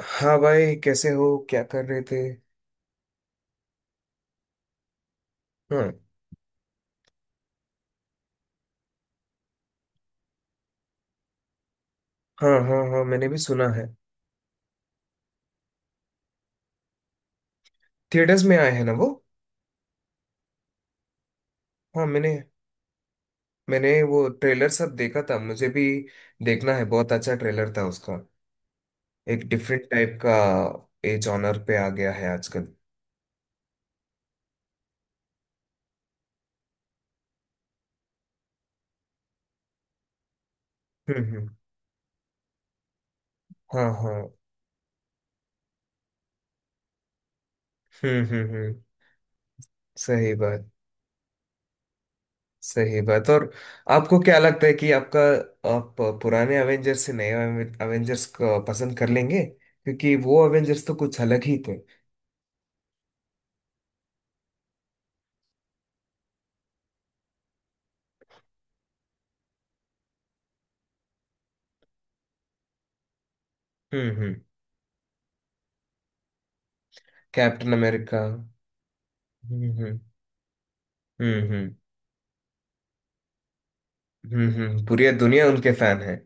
हाँ भाई, कैसे हो? क्या कर रहे थे? हाँ, हाँ, हाँ, हाँ, मैंने भी सुना है। थिएटर्स में आए हैं ना वो? हाँ, मैंने मैंने वो ट्रेलर सब देखा था। मुझे भी देखना है। बहुत अच्छा ट्रेलर था उसका। एक डिफरेंट टाइप का ए जॉनर पे आ गया है आजकल। हम्म, हम्म। हाँ, हाँ। हम्म, हम्म, हम्म। सही बात, सही बात। और आपको क्या लगता है कि आपका आप पुराने अवेंजर्स से नए अवेंजर्स को पसंद कर लेंगे, क्योंकि वो अवेंजर्स तो कुछ अलग ही थे? हम्म, हम्म। Captain America. हम्म, हम्म, हम्म, हम्म। पूरी दुनिया उनके फैन है।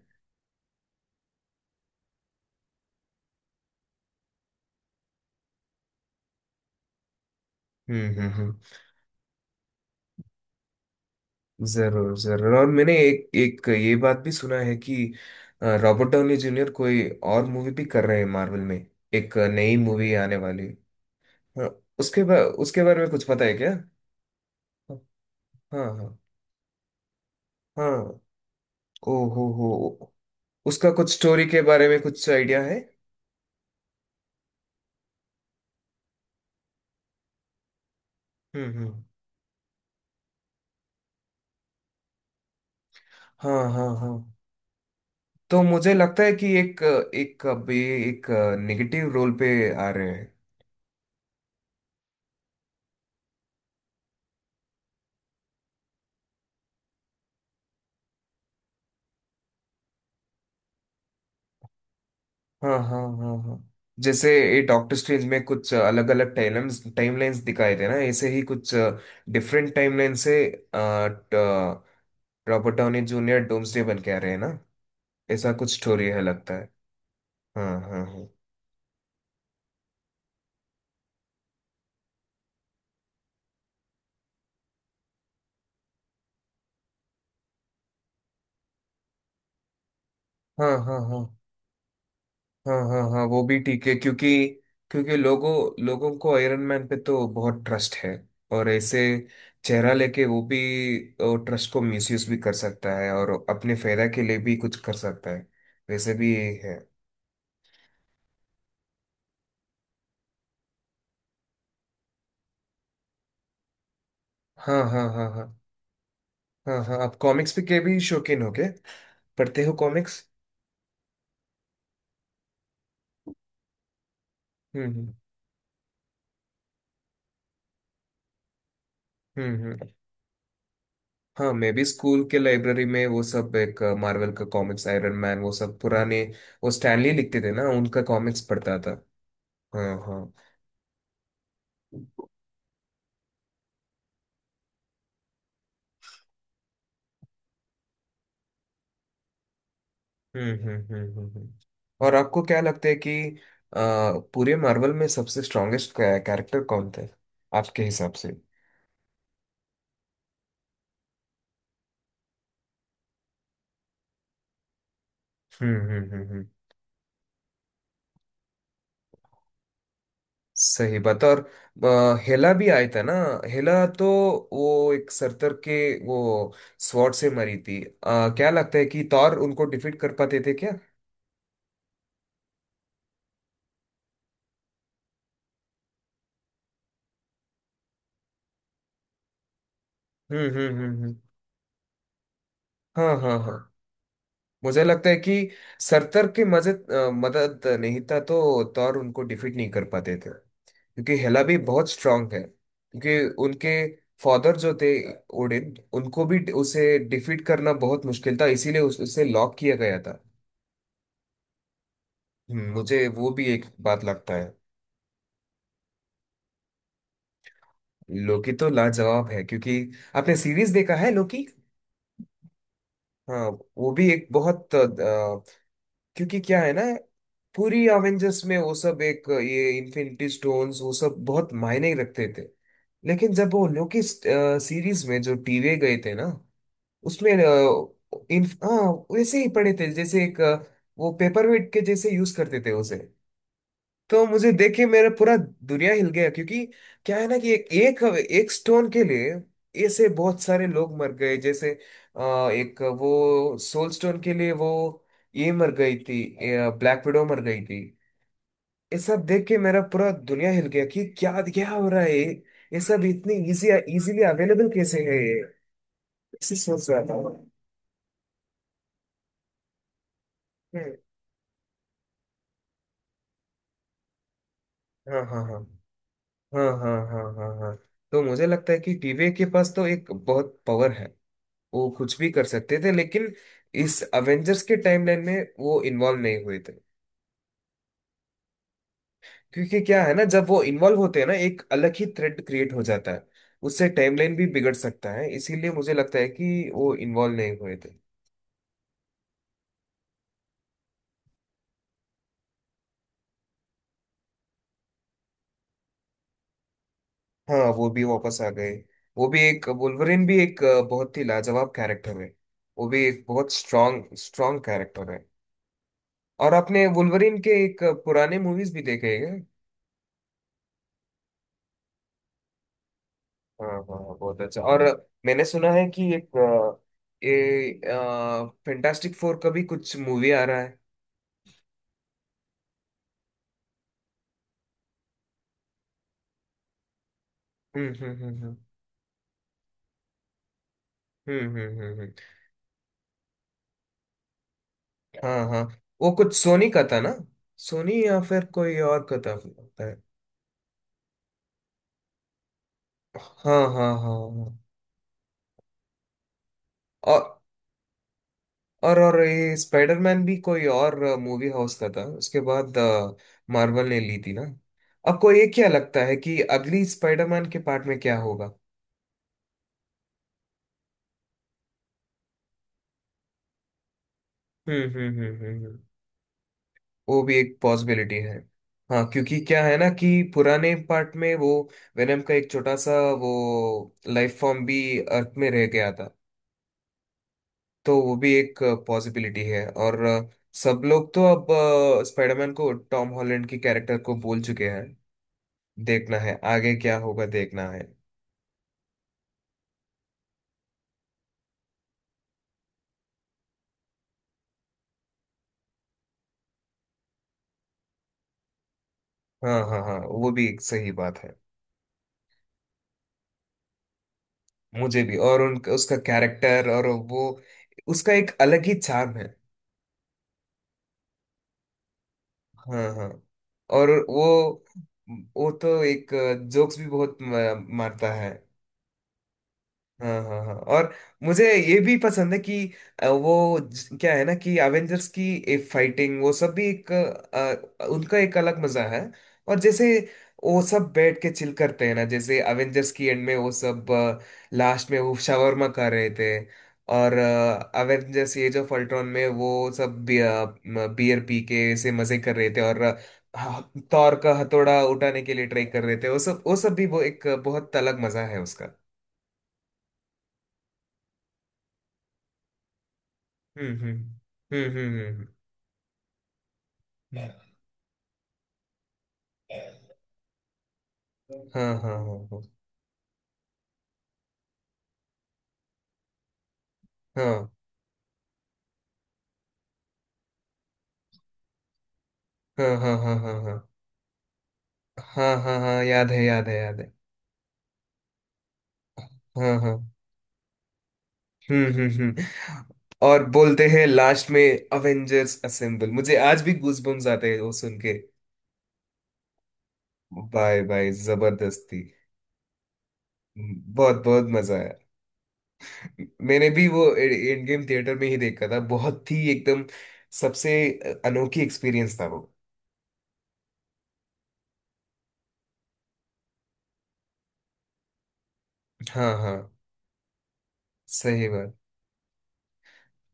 हम्म, हम्म, हम्म। जरूर, जरूर। और मैंने एक एक ये बात भी सुना है कि रॉबर्ट डाउनी जूनियर कोई और मूवी भी कर रहे हैं मार्वल में। एक नई मूवी आने वाली। हाँ, उसके बारे में कुछ पता है क्या? हाँ, हाँ, हाँ। ओ हो हो। उसका कुछ स्टोरी के बारे में कुछ आइडिया है? हम्म, हम्म। हाँ, हाँ, हाँ, तो मुझे लगता है कि एक एक अभी एक नेगेटिव रोल पे आ रहे हैं। हाँ, हाँ, हाँ, हाँ। जैसे ये डॉक्टर स्ट्रेंज में कुछ अलग अलग टाइमलाइंस टाइमलाइंस दिखाए थे ना, ऐसे ही कुछ डिफरेंट टाइमलाइन से रॉबर्ट डाउनी जूनियर डोम्सडे बन के आ रहे हैं ना। ऐसा कुछ स्टोरी है, लगता है। हाँ, हाँ, हाँ, हाँ, हाँ, हाँ, हाँ, हाँ, हाँ, वो भी ठीक है, क्योंकि क्योंकि लोगों, लोगों को आयरन मैन पे तो बहुत ट्रस्ट है। और ऐसे चेहरा लेके वो भी ट्रस्ट को मिसयूज भी कर सकता है, और अपने फायदा के लिए भी कुछ कर सकता है। वैसे भी ये है। हाँ, हाँ, हाँ, हाँ, हाँ, हाँ, आप कॉमिक्स भी के भी शौकीन हो क्या? पढ़ते हो कॉमिक्स? हम्म, हम्म, हम्म, हाँ, मैं भी स्कूल के लाइब्रेरी में वो सब, एक मार्वल का कॉमिक्स, आयरन मैन, वो सब पुराने, वो स्टैनली लिखते थे ना, उनका कॉमिक्स पढ़ता था। हाँ, हाँ। हम्म, हम्म, हम्म, और आपको क्या लगता है कि अ, पूरे मार्वल में सबसे स्ट्रॉन्गेस्ट कैरेक्टर कौन थे आपके हिसाब से? हम्म, हम्म, हम्म, सही बात है। और हेला भी आया था ना? हेला तो वो एक सरतर के वो स्वॉर्ड से मरी थी। क्या लगता है कि थॉर उनको डिफीट कर पाते थे क्या? हम्म, हम्म, हम्म, हाँ, हाँ, हाँ, मुझे लगता है कि सरतर के मदद नहीं था तो तौर उनको डिफीट नहीं कर पाते थे, क्योंकि हेला भी बहुत स्ट्रांग है। क्योंकि उनके फादर जो थे, ओडिन, उनको भी उसे डिफीट करना बहुत मुश्किल था, इसीलिए उसे लॉक किया गया था। मुझे वो भी एक बात लगता है। लोकी तो लाजवाब है, क्योंकि आपने सीरीज देखा है, लोकी? हाँ, वो भी एक बहुत, क्योंकि क्या है ना, पूरी अवेंजर्स में वो सब, एक ये इन्फिनिटी स्टोन्स वो सब बहुत मायने रखते थे। लेकिन जब वो लोकी सीरीज में जो टीवे गए थे ना, उसमें इन हाँ, वैसे ही पड़े थे जैसे एक वो पेपर वेट के जैसे यूज करते थे उसे। तो मुझे देख के मेरा पूरा दुनिया हिल गया, क्योंकि क्या है ना कि एक एक, एक स्टोन के लिए ऐसे बहुत सारे लोग मर गए। जैसे एक वो सोल स्टोन के लिए वो ये मर गई थी, ब्लैक विडो मर गई थी। ये सब देख के मेरा पूरा दुनिया हिल गया कि क्या क्या हो रहा है ये सब इतनी इजीली अवेलेबल कैसे है ये? ऐसे सोच रहा था। हम्म, हाँ, हाँ, हाँ, हाँ, हाँ, हाँ, हाँ, हाँ, तो मुझे लगता है कि टीवी के पास तो एक बहुत पावर है। वो कुछ भी कर सकते थे, लेकिन इस अवेंजर्स के टाइमलाइन में वो इन्वॉल्व नहीं हुए थे। क्योंकि क्या है ना, जब वो इन्वॉल्व होते हैं ना, एक अलग ही थ्रेड क्रिएट हो जाता है, उससे टाइमलाइन भी बिगड़ सकता है। इसीलिए मुझे लगता है कि वो इन्वॉल्व नहीं हुए थे। हाँ, वो भी वापस आ गए। वो भी एक, वुल्वरिन भी एक बहुत ही लाजवाब कैरेक्टर है। वो भी एक बहुत स्ट्रांग स्ट्रांग कैरेक्टर है। और आपने वुल्वरिन के एक पुराने मूवीज भी देखे हैं क्या? हाँ, हाँ, हाँ, बहुत अच्छा। और मैंने सुना है कि एक ये फैंटास्टिक फोर का भी कुछ मूवी आ रहा है। हम्म, हम्म, हम्म, हम्म, हम्म, हम्म, हम्म। हाँ, हाँ, वो कुछ सोनी का था ना? सोनी या फिर कोई और का था, लगता है। हाँ, हाँ, हाँ, हाँ। और और ये स्पाइडरमैन भी कोई और मूवी हाउस का था, उसके बाद मार्वल ने ली थी ना। आपको ये क्या लगता है कि अगली स्पाइडरमैन के पार्ट में क्या होगा? हम्म, हम्म, हम्म, हम्म, वो भी एक पॉसिबिलिटी है। हाँ, क्योंकि क्या है ना कि पुराने पार्ट में वो वेनम का एक छोटा सा वो लाइफ फॉर्म भी अर्थ में रह गया था। तो वो भी एक पॉसिबिलिटी है। और सब लोग तो अब स्पाइडरमैन को टॉम हॉलैंड की कैरेक्टर को बोल चुके हैं। देखना है आगे क्या होगा, देखना है। हाँ, हाँ, हाँ, वो भी एक सही बात है। मुझे भी। और उनका उसका कैरेक्टर और वो, उसका एक अलग ही चार्म है। हाँ, हाँ। और वो तो एक जोक्स भी बहुत मारता है। हाँ, हाँ, हाँ, और मुझे ये भी पसंद है कि क्या है ना कि एवेंजर्स की एक फाइटिंग वो सब भी एक उनका एक अलग मजा है। और जैसे वो सब बैठ के चिल करते हैं ना, जैसे एवेंजर्स की एंड में वो सब, लास्ट में वो शावरमा खा रहे थे। और एवेंजर्स एज ऑफ अल्ट्रॉन में वो सब बियर पी के ऐसे मजे कर रहे थे, और थॉर का हथौड़ा उठाने के लिए ट्राई कर रहे थे, वो सब भी वो एक बहुत अलग मजा है उसका। हम्म, हम्म, हम्म, हम्म, हम्म। हाँ, हाँ, हाँ, हाँ, हाँ, हाँ, हाँ, हाँ, हाँ, हाँ, हाँ, हाँ, हाँ, हाँ, याद है, याद है, याद है। हाँ, हाँ। हम्म, हम्म, हम्म, और बोलते हैं लास्ट में अवेंजर्स असेंबल, मुझे आज भी गूजबम्स आते हैं वो सुन के। बाय बाय जबरदस्ती। बहुत बहुत मजा आया। मैंने भी वो एंड गेम थिएटर में ही देखा था, बहुत ही एकदम सबसे अनोखी एक्सपीरियंस था वो। हाँ, हाँ, सही बात,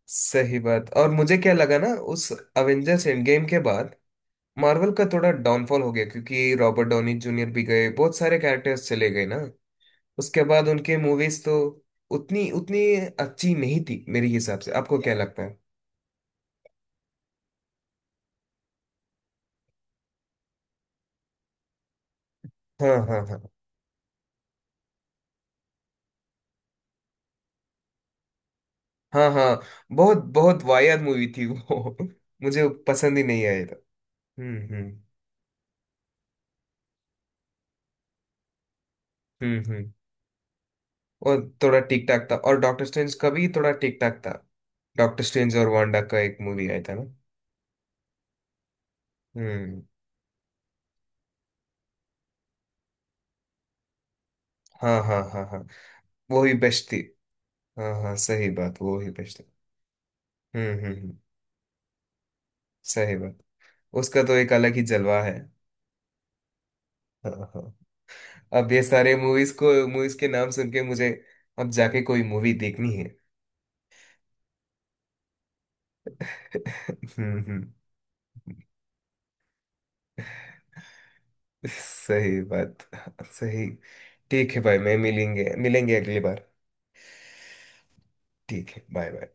सही बात। और मुझे क्या लगा ना, उस अवेंजर्स एंड गेम के बाद मार्वल का थोड़ा डाउनफॉल हो गया, क्योंकि रॉबर्ट डॉनी जूनियर भी गए, बहुत सारे कैरेक्टर्स चले गए ना। उसके बाद उनके मूवीज तो उतनी उतनी अच्छी नहीं थी मेरे हिसाब से। आपको क्या लगता है? हाँ, हाँ, हाँ, हाँ, हाँ, बहुत बहुत वाहियात मूवी थी वो मुझे पसंद ही नहीं आया था। हम्म, हम्म, हम्म, हम्म, और थोड़ा ठीक ठाक था, और डॉक्टर स्ट्रेंज का भी थोड़ा ठीक ठाक था। डॉक्टर स्ट्रेंज और वांडा का एक मूवी आया था ना? हम्म, हाँ, हाँ, हाँ, हाँ, वो ही बेस्ट थी। हाँ, हाँ, सही बात, वो ही बेस्ट थी। हम्म, हम्म, सही बात। उसका तो एक अलग ही जलवा है। हाँ, हाँ, अब ये सारे मूवीज के नाम सुन के मुझे अब जाके कोई मूवी देखनी है। हम्म, हम्म, सही बात, सही। ठीक है भाई, मैं मिलेंगे मिलेंगे अगली बार। ठीक है, बाय बाय।